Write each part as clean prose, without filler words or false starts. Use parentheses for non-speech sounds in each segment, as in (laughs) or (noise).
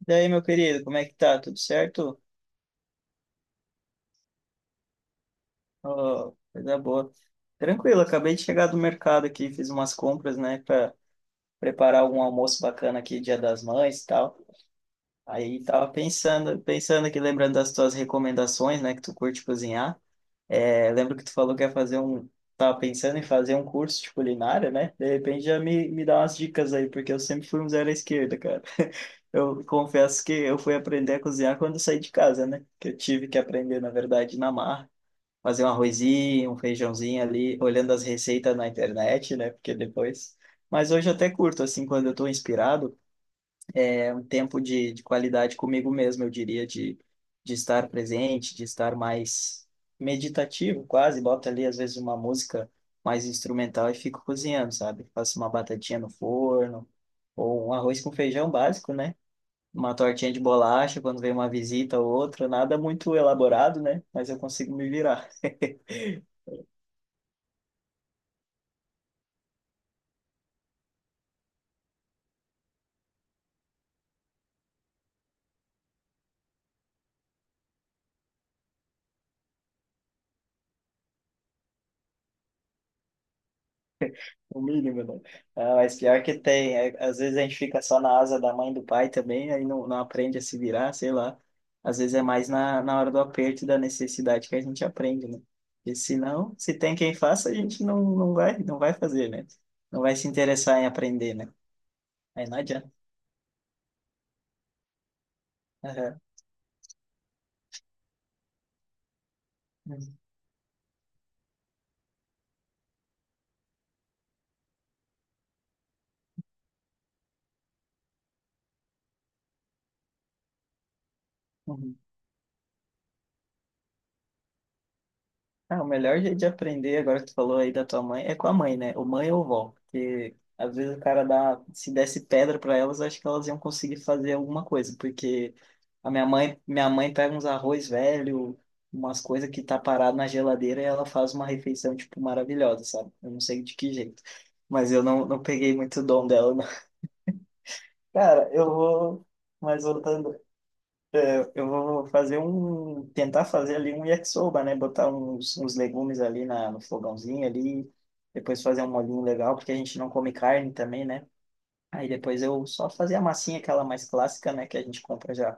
Daí meu querido, como é que tá? Tudo certo? Ó, coisa boa. Tranquilo, acabei de chegar do mercado aqui, fiz umas compras, né, para preparar algum almoço bacana aqui, Dia das Mães e tal. Aí tava pensando aqui, lembrando das tuas recomendações, né, que tu curte cozinhar. É, lembro que tu falou que ia fazer um. Tava pensando em fazer um curso de culinária, né? De repente já me dá umas dicas aí, porque eu sempre fui um zero à esquerda, cara. (laughs) Eu confesso que eu fui aprender a cozinhar quando eu saí de casa, né? Que eu tive que aprender, na verdade, na marra. Fazer um arrozinho, um feijãozinho ali, olhando as receitas na internet, né? Porque depois. Mas hoje eu até curto, assim, quando eu tô inspirado um tempo de qualidade comigo mesmo, eu diria, de estar presente, de estar mais meditativo, quase. Boto ali, às vezes, uma música mais instrumental e fico cozinhando, sabe? Faço uma batatinha no forno, ou um arroz com feijão básico, né? Uma tortinha de bolacha quando vem uma visita ou outra, nada muito elaborado, né? Mas eu consigo me virar. O mínimo, né? Ah, mas pior que tem. É, às vezes a gente fica só na asa da mãe e do pai também, aí não aprende a se virar, sei lá. Às vezes é mais na hora do aperto e da necessidade que a gente aprende, né? Porque se não, se tem quem faça, a gente não vai fazer, né? Não vai se interessar em aprender, né? Aí não adianta. Aham. Uhum. Uhum. Ah, o melhor jeito de aprender, agora que tu falou aí da tua mãe, é com a mãe, né? Ou mãe ou vó. Porque às vezes o cara dá, se desse pedra para elas, acho que elas iam conseguir fazer alguma coisa. Porque a minha mãe pega uns arroz velho, umas coisas que tá parado na geladeira e ela faz uma refeição, tipo, maravilhosa, sabe? Eu não sei de que jeito. Mas eu não peguei muito dom dela, não. Cara, eu vou. Mas voltando. Eu vou tentar fazer ali um yakisoba, né? Botar uns legumes ali no fogãozinho ali, depois fazer um molhinho legal, porque a gente não come carne também, né? Aí depois eu só fazer a massinha, aquela mais clássica, né? Que a gente compra já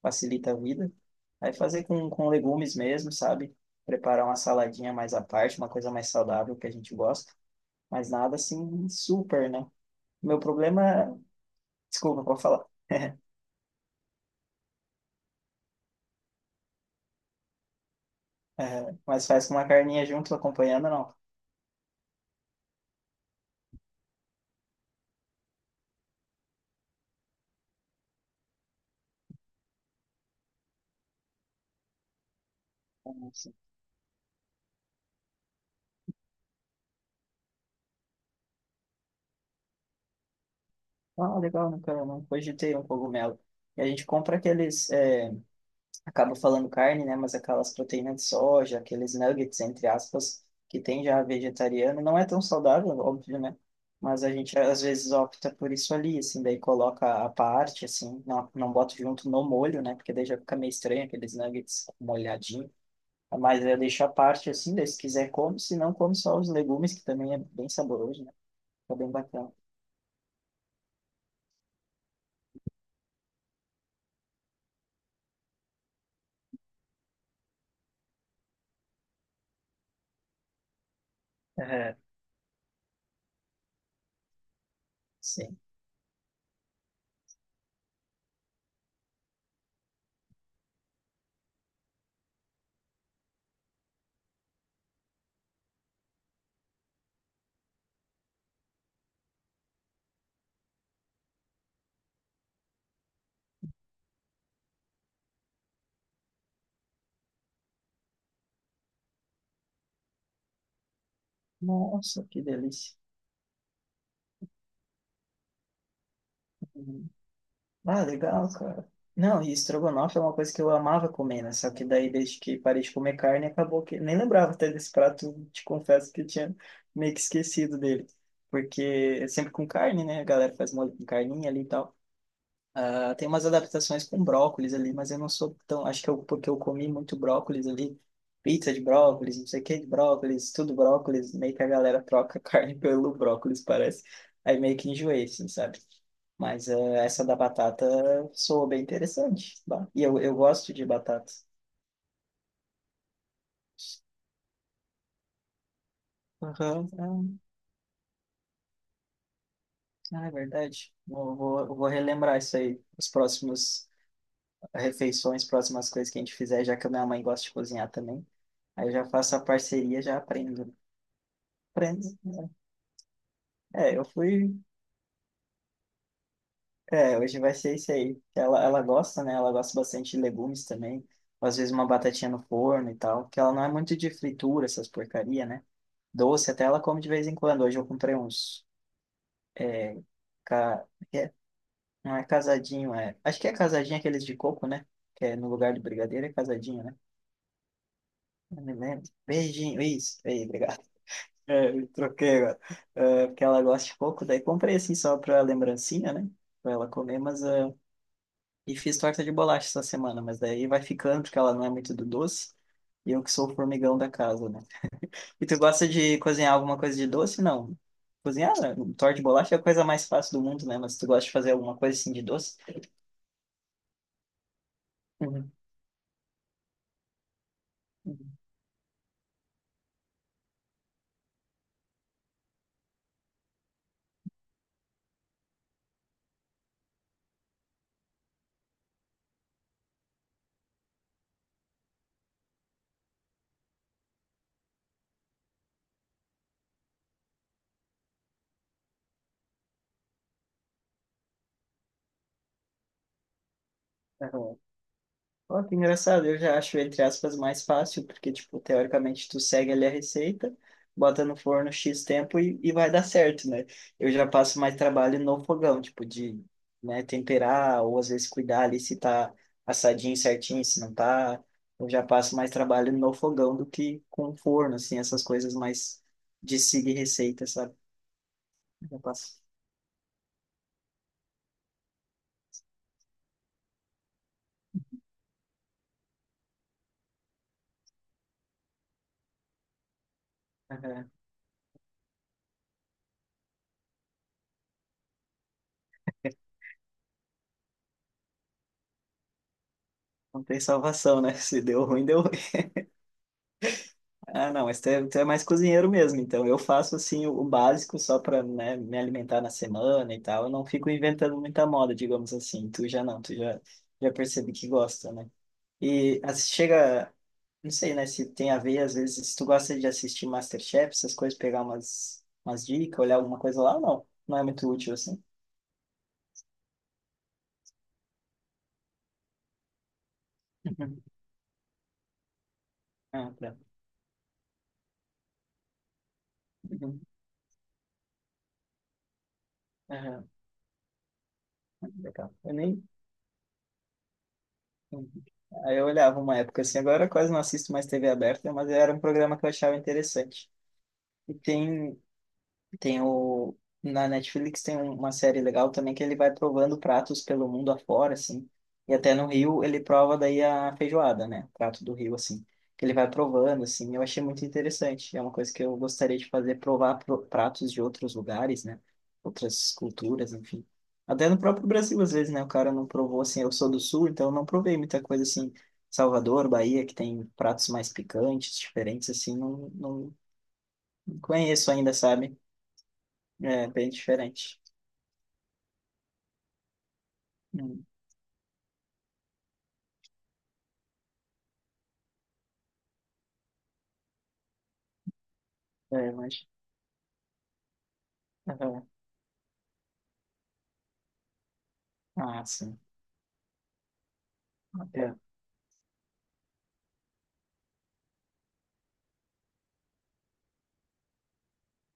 facilita a vida. Aí fazer com legumes mesmo, sabe? Preparar uma saladinha mais à parte, uma coisa mais saudável que a gente gosta, mas nada assim super, né? Meu problema, desculpa, pode falar. (laughs) É, mas faz com uma carninha junto acompanhando, não. Ah, legal, nunca, não cogitei um cogumelo. E a gente compra aqueles, é, acaba falando carne, né? Mas aquelas proteínas de soja, aqueles nuggets, entre aspas, que tem já vegetariano. Não é tão saudável, óbvio, né? Mas a gente às vezes opta por isso ali, assim, daí coloca à parte, assim, não bota junto no molho, né? Porque daí já fica meio estranho aqueles nuggets molhadinho. Mas eu deixo à parte, assim, daí se quiser come, se não come só os legumes, que também é bem saboroso, né? Fica bem bacana. É, sim. Nossa, que delícia. Uhum. Ah, legal, cara. Não, e estrogonofe é uma coisa que eu amava comer, né? Só que daí, desde que parei de comer carne, acabou que. Nem lembrava até desse prato, te confesso que eu tinha meio que esquecido dele. Porque é sempre com carne, né? A galera faz molho com carninha ali e tal. Ela tem umas adaptações com brócolis ali, mas eu não sou tão. Acho que eu, porque eu comi muito brócolis ali, pizza de brócolis, não sei o que de brócolis, tudo brócolis, meio que a galera troca (laughs) carne pelo brócolis, parece. Aí meio que enjoei, assim, sabe? Mas essa da batata soou bem interessante. Bah, e eu gosto de batata. Aham, ah, ah, é verdade. Eu vou relembrar isso aí, as próximas refeições, próximas coisas que a gente fizer, já que a minha mãe gosta de cozinhar também. Aí eu já faço a parceria, já aprendo. Friends, né? É, eu fui. É, hoje vai ser isso aí. Ela gosta, né? Ela gosta bastante de legumes também. Às vezes uma batatinha no forno e tal. Porque ela não é muito de fritura, essas porcaria, né? Doce até ela come de vez em quando. Hoje eu comprei uns. Ca... é, Não é casadinho, é. Acho que é casadinho aqueles de coco, né? Que é no lugar de brigadeiro é casadinho, né? Não me lembro. Beijinho, isso. Ei, obrigado. (laughs) É, eu troquei agora. É, porque ela gosta de coco, daí comprei assim só pra lembrancinha, né? Pra ela comer, mas, ah, e fiz torta de bolacha essa semana, mas daí vai ficando, porque ela não é muito do doce. E eu que sou o formigão da casa, né? E tu gosta de cozinhar alguma coisa de doce? Não. Cozinhar, né? Torta de bolacha é a coisa mais fácil do mundo, né? Mas tu gosta de fazer alguma coisa assim de doce? Uhum. Uhum. Ó, que engraçado, eu já acho, entre aspas, mais fácil, porque, tipo, teoricamente tu segue ali a receita, bota no forno X tempo e vai dar certo, né? Eu já passo mais trabalho no fogão, tipo, de, né, temperar, ou às vezes cuidar ali se tá assadinho certinho, se não tá. Eu já passo mais trabalho no fogão do que com o forno, assim, essas coisas mais de seguir receita, sabe? Eu já passo. Aham. Não tem salvação, né? (laughs) Se deu ruim, deu. Ah, não, mas tu é, mais cozinheiro mesmo, então eu faço assim o básico só para, né, me alimentar na semana e tal. Eu não fico inventando muita moda, digamos assim. Tu já não, tu já já percebi que gosta, né? E assim, chega, não sei, né, se tem a ver às vezes se tu gosta de assistir MasterChef, essas coisas, pegar umas dicas, olhar alguma coisa lá, não é muito útil assim. Uhum. Ah, tá. Uhum. Aham. Legal. Eu nem Aí eu olhava uma época assim, agora eu quase não assisto mais TV aberta, mas era um programa que eu achava interessante. E tem o. Na Netflix tem uma série legal também que ele vai provando pratos pelo mundo afora, assim. E até no Rio ele prova daí a feijoada, né? Prato do Rio, assim. Que ele vai provando, assim. Eu achei muito interessante. É uma coisa que eu gostaria de fazer, provar pratos de outros lugares, né? Outras culturas, enfim. Até no próprio Brasil, às vezes, né? O cara não provou, assim. Eu sou do Sul, então eu não provei muita coisa, assim. Salvador, Bahia, que tem pratos mais picantes, diferentes, assim. Não conheço ainda, sabe? É bem diferente. Hum. É, mas. Aham. Ah, sim. É.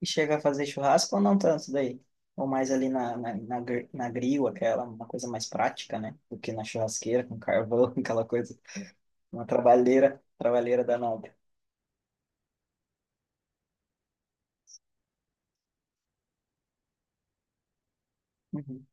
E chega a fazer churrasco ou não tanto daí? Ou mais ali na grill, aquela, uma coisa mais prática, né? Do que na churrasqueira, com carvão, (laughs) aquela coisa. Uma trabalheira, trabalheira danada. Uhum.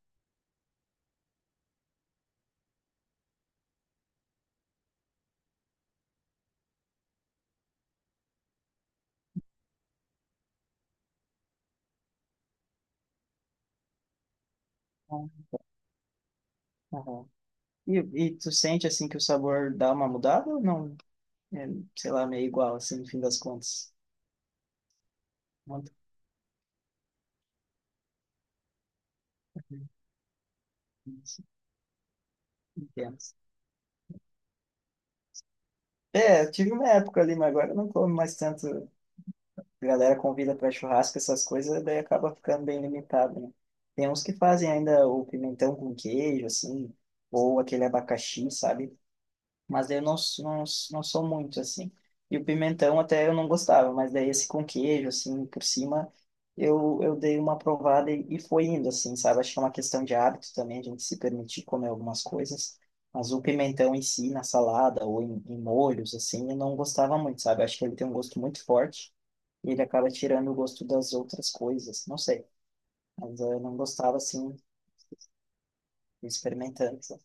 Aham. E, e tu sente, assim, que o sabor dá uma mudada ou não? É, sei lá, meio igual, assim, no fim das contas. Muito assim, intenso. É, eu tive uma época ali, mas agora eu não como mais tanto. A galera convida para churrasco, essas coisas, daí acaba ficando bem limitado, né? Tem uns que fazem ainda o pimentão com queijo, assim, ou aquele abacaxi, sabe? Mas eu não sou muito, assim. E o pimentão até eu não gostava, mas daí esse com queijo, assim, por cima, eu dei uma provada e foi indo, assim, sabe? Acho que é uma questão de hábito também, a gente se permitir comer algumas coisas. Mas o pimentão em si, na salada ou em molhos, assim, eu não gostava muito, sabe? Acho que ele tem um gosto muito forte e ele acaba tirando o gosto das outras coisas. Não sei, mas eu não gostava assim, experimentando.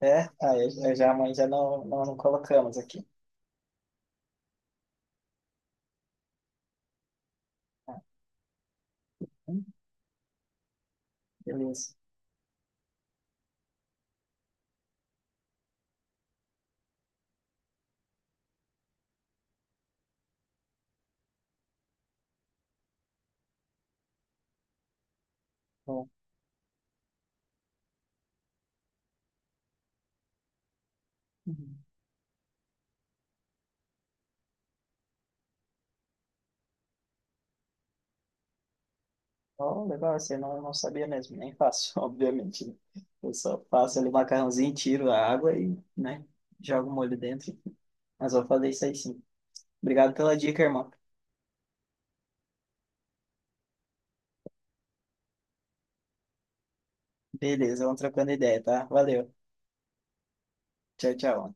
É, ah, eu já, mas já não colocamos aqui. Hum. Beleza. Bom. Uhum. Oh, legal, assim, eu não sabia mesmo, nem faço, (laughs) obviamente, né? Eu só faço ali o macarrãozinho, tiro a água e, né, jogo o molho dentro. Mas vou fazer isso aí sim. Obrigado pela dica, irmão. Beleza, vamos trocando ideia, tá? Valeu. Tchau, tchau.